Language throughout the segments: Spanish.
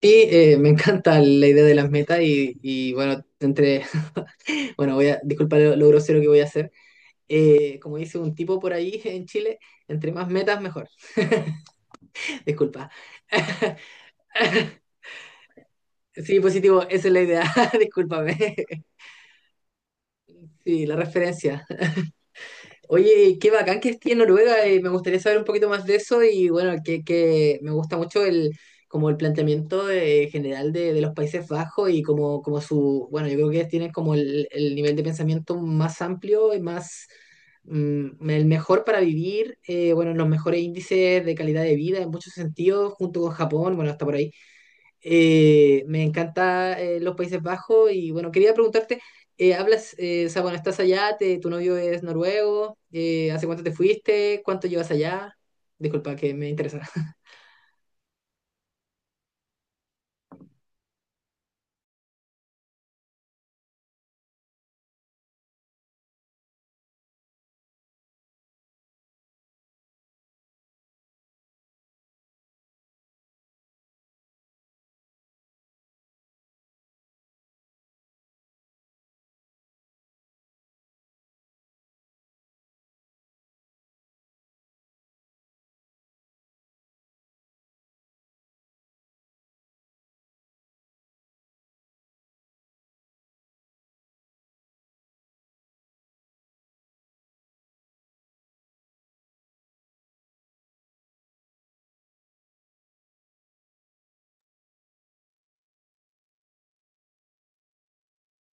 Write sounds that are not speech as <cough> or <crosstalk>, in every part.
Me encanta la idea de las metas bueno, <laughs> bueno, disculpa lo grosero que voy a hacer. Como dice un tipo por ahí en Chile, entre más metas mejor. Disculpa. <laughs> Sí, positivo, esa es la idea. <laughs> Discúlpame. <laughs> Sí, la referencia. Oye, qué bacán que esté en Noruega, me gustaría saber un poquito más de eso y bueno, que me gusta mucho como el planteamiento general de los Países Bajos y como, como su, bueno, yo creo que tienen como el nivel de pensamiento más amplio y el mejor para vivir, bueno, los mejores índices de calidad de vida en muchos sentidos, junto con Japón, bueno, hasta por ahí. Me encanta los Países Bajos y bueno, quería preguntarte, hablas, o sea, bueno, estás allá, tu novio es noruego, ¿hace cuánto te fuiste? ¿Cuánto llevas allá? Disculpa, que me interesa. <laughs>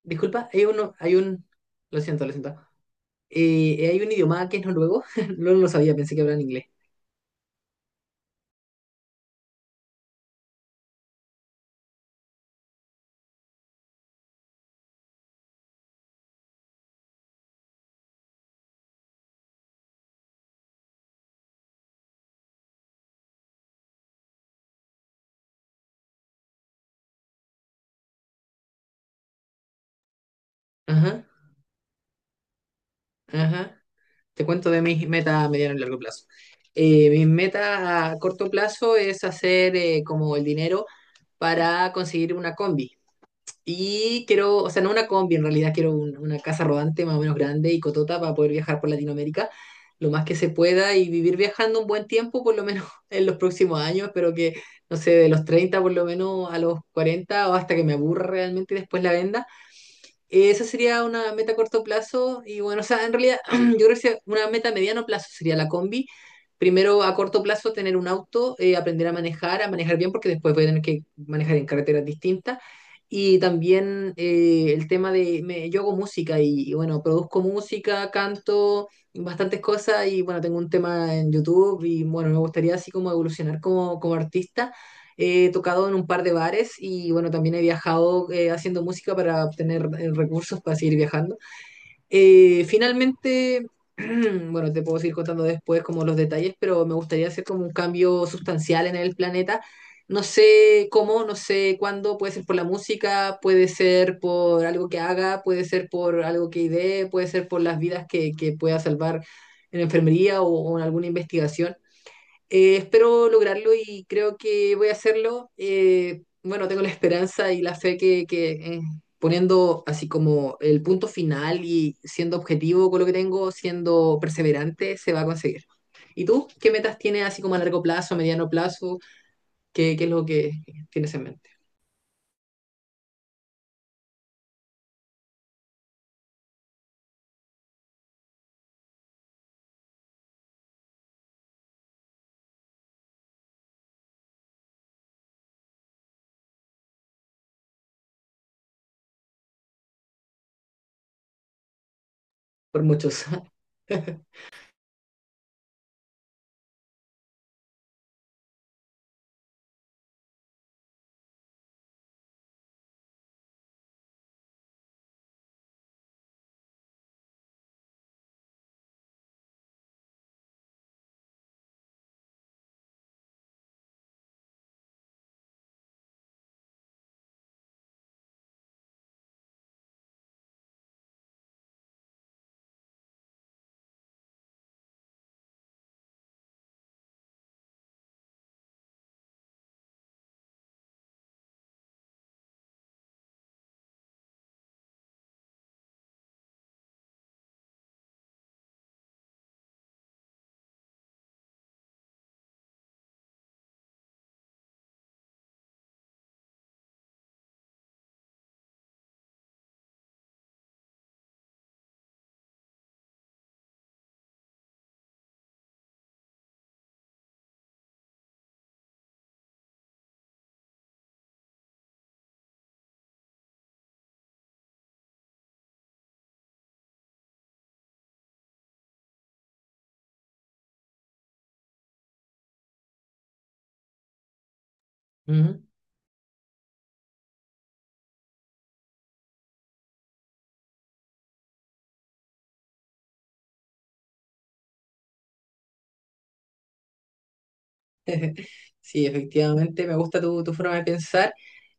Disculpa, hay uno, lo siento, lo siento. Hay un idioma que es noruego, <laughs> no lo sabía, pensé que hablaban inglés. Ajá, ajá. Te cuento de mis metas a mediano y largo plazo. Mi meta a corto plazo es hacer como el dinero para conseguir una combi. Y quiero, o sea, no una combi, en realidad quiero una casa rodante más o menos grande y cotota para poder viajar por Latinoamérica lo más que se pueda y vivir viajando un buen tiempo, por lo menos <laughs> en los próximos años, pero que, no sé, de los 30 por lo menos a los 40 o hasta que me aburra realmente y después la venda esa sería una meta a corto plazo y bueno, o sea, en realidad <clears throat> yo creo que sea una meta a mediano plazo sería la combi. Primero, a corto plazo, tener un auto, aprender a manejar bien, porque después voy a tener que manejar en carreteras distintas. Y también el tema de, yo hago música bueno, produzco música, canto, bastantes cosas y bueno, tengo un tema en YouTube y bueno, me gustaría así como evolucionar como, como artista. He tocado en un par de bares y bueno, también he viajado haciendo música para obtener recursos para seguir viajando. Finalmente, <clears throat> bueno, te puedo seguir contando después como los detalles, pero me gustaría hacer como un cambio sustancial en el planeta. No sé cómo, no sé cuándo, puede ser por la música, puede ser por algo que haga, puede ser por algo que idee, puede ser por las vidas que pueda salvar en enfermería o en alguna investigación. Espero lograrlo y creo que voy a hacerlo. Bueno, tengo la esperanza y la fe que, poniendo así como el punto final y siendo objetivo con lo que tengo, siendo perseverante, se va a conseguir. ¿Y tú qué metas tienes así como a largo plazo, mediano plazo? Qué es lo que tienes en mente? Por muchos. <laughs> Ujú. Sí, efectivamente, me gusta tu forma de pensar.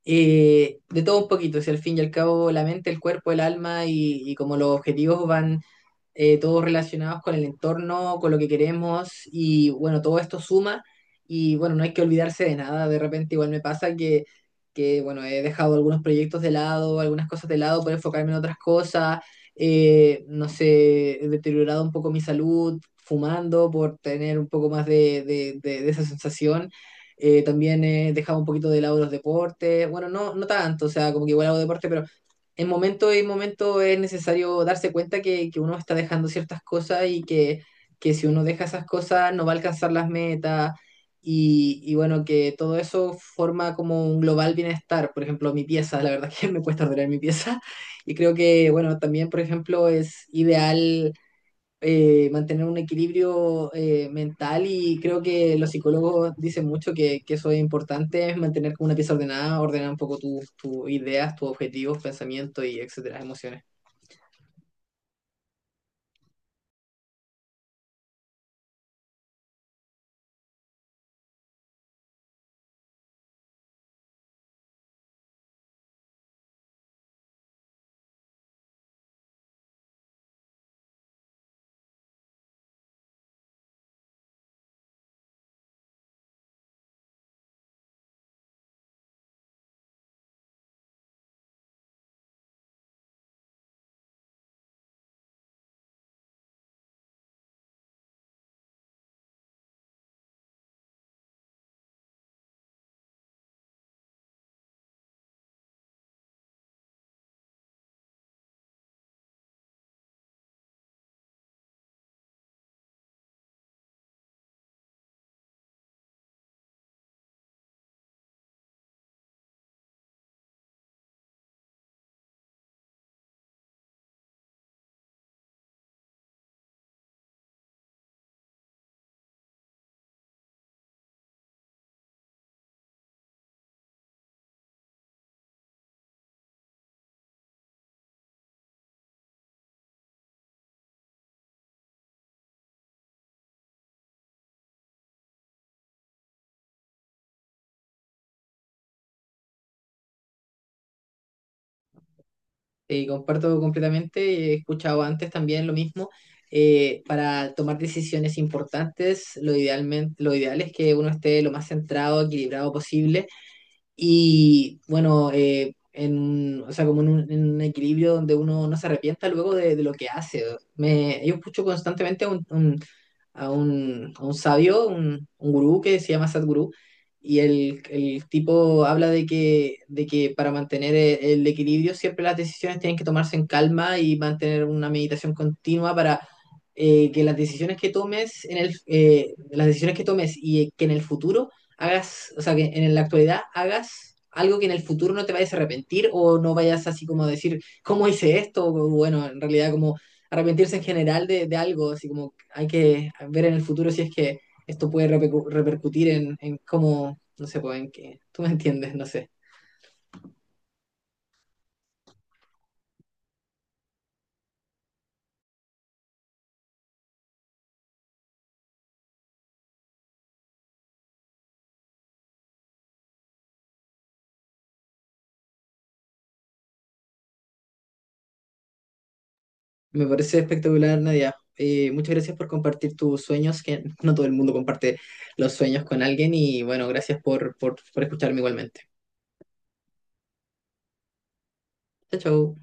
De todo un poquito, si al fin y al cabo la mente, el cuerpo, el alma y como los objetivos van, todos relacionados con el entorno, con lo que queremos y bueno, todo esto suma y bueno, no hay que olvidarse de nada, de repente igual me pasa que bueno, he dejado algunos proyectos de lado, algunas cosas de lado por enfocarme en otras cosas, no sé, he deteriorado un poco mi salud fumando por tener un poco más de esa sensación. También he dejado un poquito de lado los deportes, bueno, no, no tanto, o sea, como que igual hago deporte, pero en momento es necesario darse cuenta que uno está dejando ciertas cosas y que si uno deja esas cosas no va a alcanzar las metas y bueno, que todo eso forma como un global bienestar. Por ejemplo, mi pieza, la verdad <laughs> que me cuesta ordenar mi pieza y creo que bueno, también por ejemplo es ideal mantener un equilibrio mental y creo que los psicólogos dicen mucho que eso es importante, es mantener como una pieza ordenada, ordenar un poco tus ideas, tus objetivos, pensamientos y etcétera, emociones. Y comparto completamente, he escuchado antes también lo mismo. Para tomar decisiones importantes, lo, idealmente, lo ideal es que uno esté lo más centrado, equilibrado posible. Y bueno, o sea, como en en un equilibrio donde uno no se arrepienta luego de lo que hace. Yo escucho constantemente a a un sabio, un gurú que se llama Sadhguru, y el tipo habla de que para mantener el equilibrio siempre las decisiones tienen que tomarse en calma y mantener una meditación continua para que las decisiones que tomes en las decisiones que tomes y que en el futuro hagas, o sea, que en la actualidad hagas algo que en el futuro no te vayas a arrepentir o no vayas así como a decir, ¿cómo hice esto? O, bueno, en realidad como arrepentirse en general de algo, así como hay que ver en el futuro si es que esto puede repercutir en cómo, no sé, pues en qué, tú me entiendes, no sé. Me parece espectacular, Nadia. Muchas gracias por compartir tus sueños, que <laughs> no todo el mundo comparte los sueños con alguien y bueno, gracias por escucharme igualmente. Chao, chao.